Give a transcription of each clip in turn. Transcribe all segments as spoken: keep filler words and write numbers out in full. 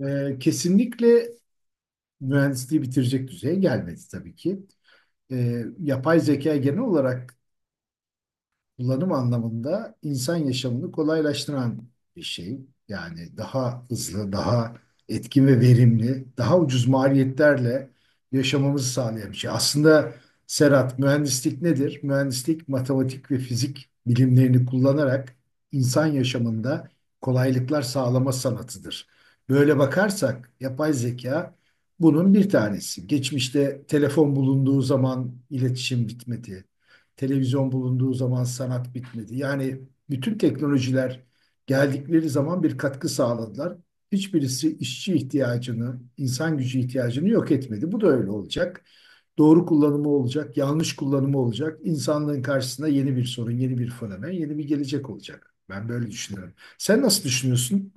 Ee, kesinlikle mühendisliği bitirecek düzeye gelmedi tabii ki. Ee, yapay zeka genel olarak kullanım anlamında insan yaşamını kolaylaştıran bir şey. Yani daha hızlı, daha etkin ve verimli, daha ucuz maliyetlerle yaşamamızı sağlayan bir şey. Aslında Serhat, mühendislik nedir? Mühendislik matematik ve fizik bilimlerini kullanarak insan yaşamında kolaylıklar sağlama sanatıdır. Böyle bakarsak yapay zeka bunun bir tanesi. Geçmişte telefon bulunduğu zaman iletişim bitmedi. Televizyon bulunduğu zaman sanat bitmedi. Yani bütün teknolojiler geldikleri zaman bir katkı sağladılar. Hiçbirisi işçi ihtiyacını, insan gücü ihtiyacını yok etmedi. Bu da öyle olacak. Doğru kullanımı olacak, yanlış kullanımı olacak. İnsanlığın karşısına yeni bir sorun, yeni bir fenomen, yeni bir gelecek olacak. Ben böyle düşünüyorum. Sen nasıl düşünüyorsun?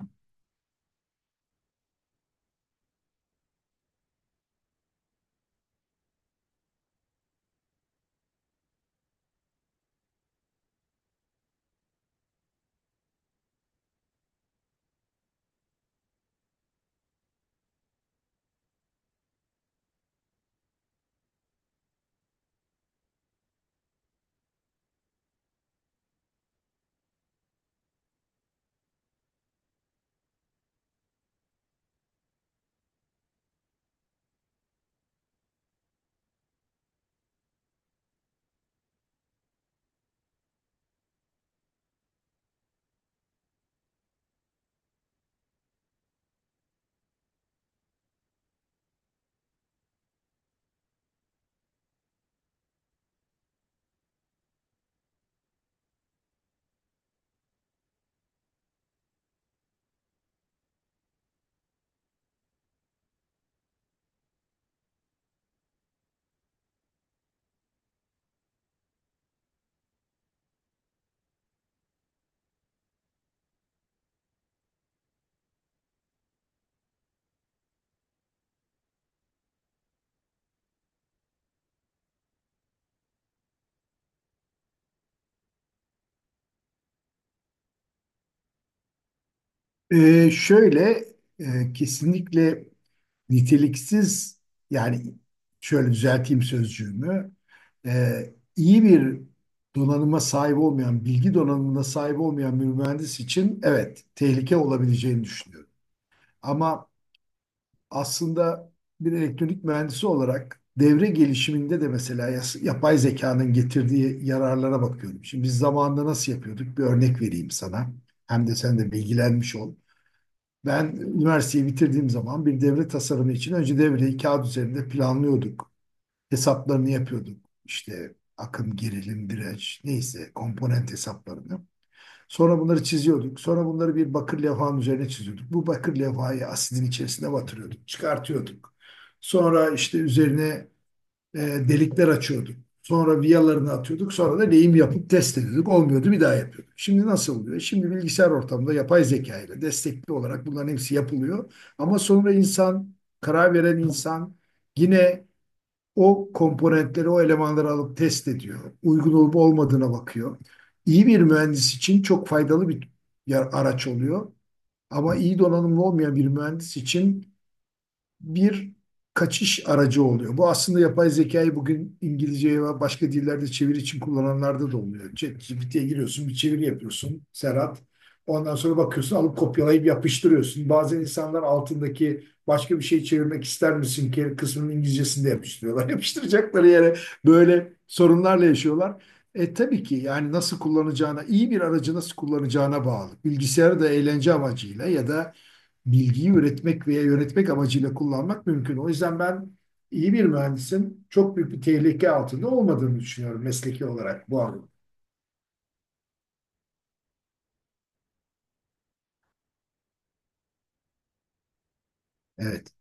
Ee, şöyle e, Kesinlikle niteliksiz yani şöyle düzelteyim sözcüğümü. Ee, iyi bir donanıma sahip olmayan bilgi donanımına sahip olmayan bir mühendis için evet tehlike olabileceğini düşünüyorum. Ama aslında bir elektronik mühendisi olarak devre gelişiminde de mesela yas- yapay zekanın getirdiği yararlara bakıyorum. Şimdi biz zamanında nasıl yapıyorduk? Bir örnek vereyim sana. Hem de sen de bilgilenmiş ol. Ben üniversiteyi bitirdiğim zaman bir devre tasarımı için önce devreyi kağıt üzerinde planlıyorduk. Hesaplarını yapıyorduk. İşte akım, gerilim, direnç, neyse komponent hesaplarını. Sonra bunları çiziyorduk. Sonra bunları bir bakır levhanın üzerine çiziyorduk. Bu bakır levhayı asidin içerisine batırıyorduk, çıkartıyorduk. Sonra işte üzerine e, delikler açıyorduk. Sonra viyalarını atıyorduk. Sonra da lehim yapıp test ediyorduk. Olmuyordu bir daha yapıyorduk. Şimdi nasıl oluyor? Şimdi bilgisayar ortamında yapay zeka ile destekli olarak bunların hepsi yapılıyor. Ama sonra insan, karar veren insan yine o komponentleri, o elemanları alıp test ediyor. Uygun olup olmadığına bakıyor. İyi bir mühendis için çok faydalı bir yer- araç oluyor. Ama iyi donanımlı olmayan bir mühendis için bir kaçış aracı oluyor. Bu aslında yapay zekayı bugün İngilizceye ve başka dillerde çeviri için kullananlarda da oluyor. ChatGPT'ye giriyorsun, bir çeviri yapıyorsun Serhat. Ondan sonra bakıyorsun alıp kopyalayıp yapıştırıyorsun. Bazen insanlar altındaki başka bir şey çevirmek ister misin ki kısmının İngilizcesinde yapıştırıyorlar. Yapıştıracakları yere böyle sorunlarla yaşıyorlar. E tabii ki yani nasıl kullanacağına, iyi bir aracı nasıl kullanacağına bağlı. Bilgisayarı da eğlence amacıyla ya da bilgiyi üretmek veya yönetmek amacıyla kullanmak mümkün. O yüzden ben iyi bir mühendisin çok büyük bir tehlike altında olmadığını düşünüyorum mesleki olarak bu anlamda. Evet,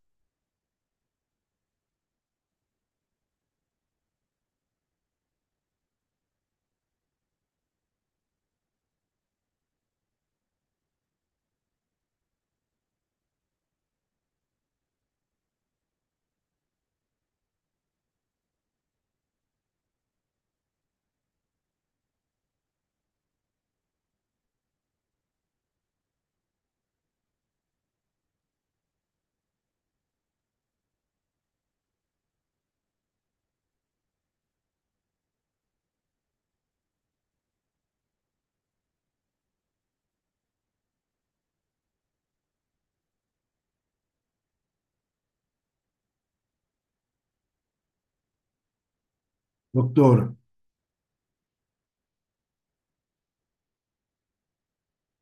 çok doğru.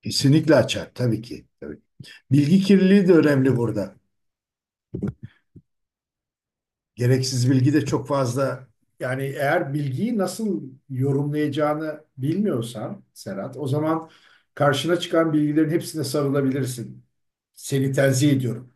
Kesinlikle açar tabii ki. Tabii. ki. Bilgi kirliliği de önemli burada. Gereksiz bilgi de çok fazla. Yani eğer bilgiyi nasıl yorumlayacağını bilmiyorsan Serhat, o zaman karşına çıkan bilgilerin hepsine sarılabilirsin. Seni tenzih ediyorum,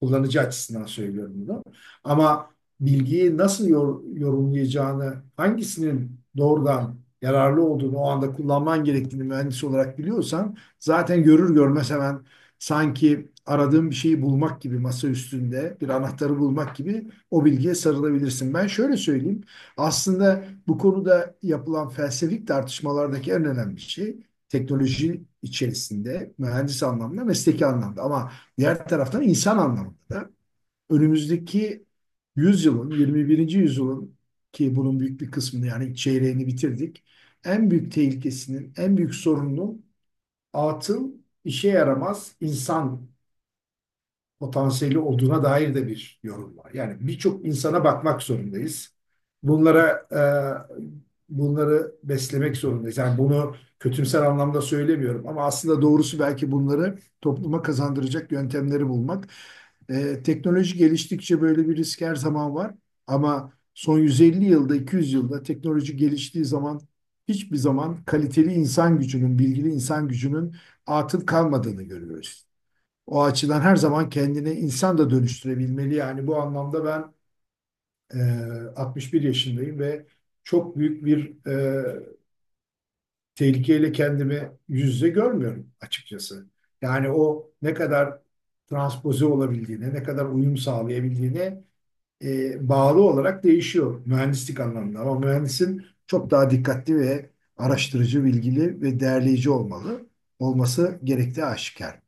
kullanıcı açısından söylüyorum bunu. Ama bilgiyi nasıl yor- yorumlayacağını, hangisinin doğrudan yararlı olduğunu, o anda kullanman gerektiğini mühendis olarak biliyorsan zaten görür görmez hemen sanki aradığın bir şeyi bulmak gibi masa üstünde bir anahtarı bulmak gibi o bilgiye sarılabilirsin. Ben şöyle söyleyeyim. Aslında bu konuda yapılan felsefik tartışmalardaki en önemli şey teknoloji içerisinde mühendis anlamda, mesleki anlamda ama diğer taraftan insan anlamında da önümüzdeki yüzyılın, yirmi birinci yüzyılın ki bunun büyük bir kısmını yani çeyreğini bitirdik. En büyük tehlikesinin, en büyük sorununun atıl, işe yaramaz insan potansiyeli olduğuna dair de bir yorum var. Yani birçok insana bakmak zorundayız. Bunlara e, bunları beslemek zorundayız. Yani bunu kötümser anlamda söylemiyorum ama aslında doğrusu belki bunları topluma kazandıracak yöntemleri bulmak. E, teknoloji geliştikçe böyle bir risk her zaman var ama son yüz elli yılda, iki yüz yılda teknoloji geliştiği zaman hiçbir zaman kaliteli insan gücünün, bilgili insan gücünün atıl kalmadığını görüyoruz. O açıdan her zaman kendini insan da dönüştürebilmeli. Yani bu anlamda ben e, altmış bir yaşındayım ve çok büyük bir e, tehlikeyle kendimi yüz yüze görmüyorum açıkçası. Yani o ne kadar transpoze olabildiğine, ne kadar uyum sağlayabildiğine e, bağlı olarak değişiyor mühendislik anlamında. Ama mühendisin çok daha dikkatli ve araştırıcı, bilgili ve değerleyici olmalı. Olması gerektiği aşikar.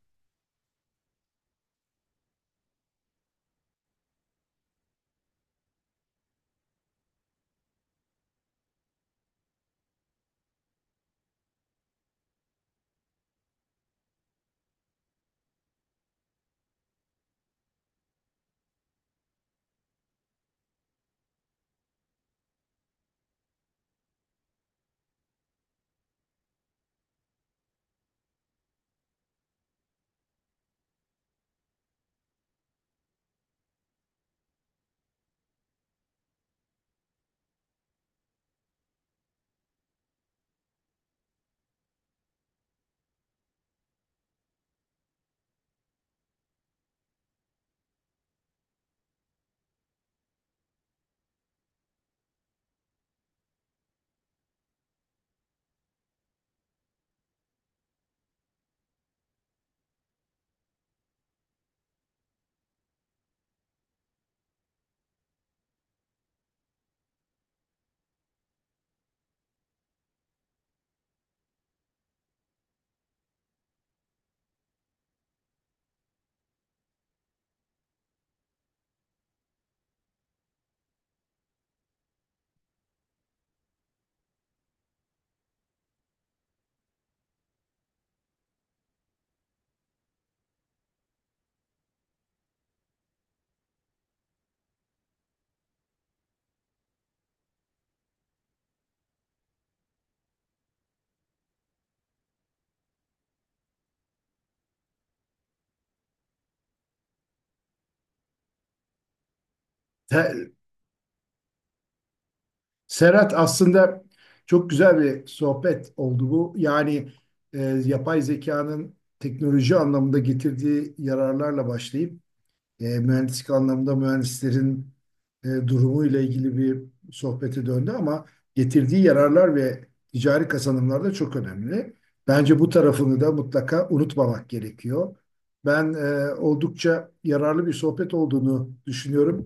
Te- Serhat, aslında çok güzel bir sohbet oldu bu. Yani e, yapay zekanın teknoloji anlamında getirdiği yararlarla başlayıp e, mühendislik anlamında mühendislerin e, durumu ile ilgili bir sohbete döndü ama getirdiği yararlar ve ticari kazanımlar da çok önemli. Bence bu tarafını da mutlaka unutmamak gerekiyor. Ben e, oldukça yararlı bir sohbet olduğunu düşünüyorum.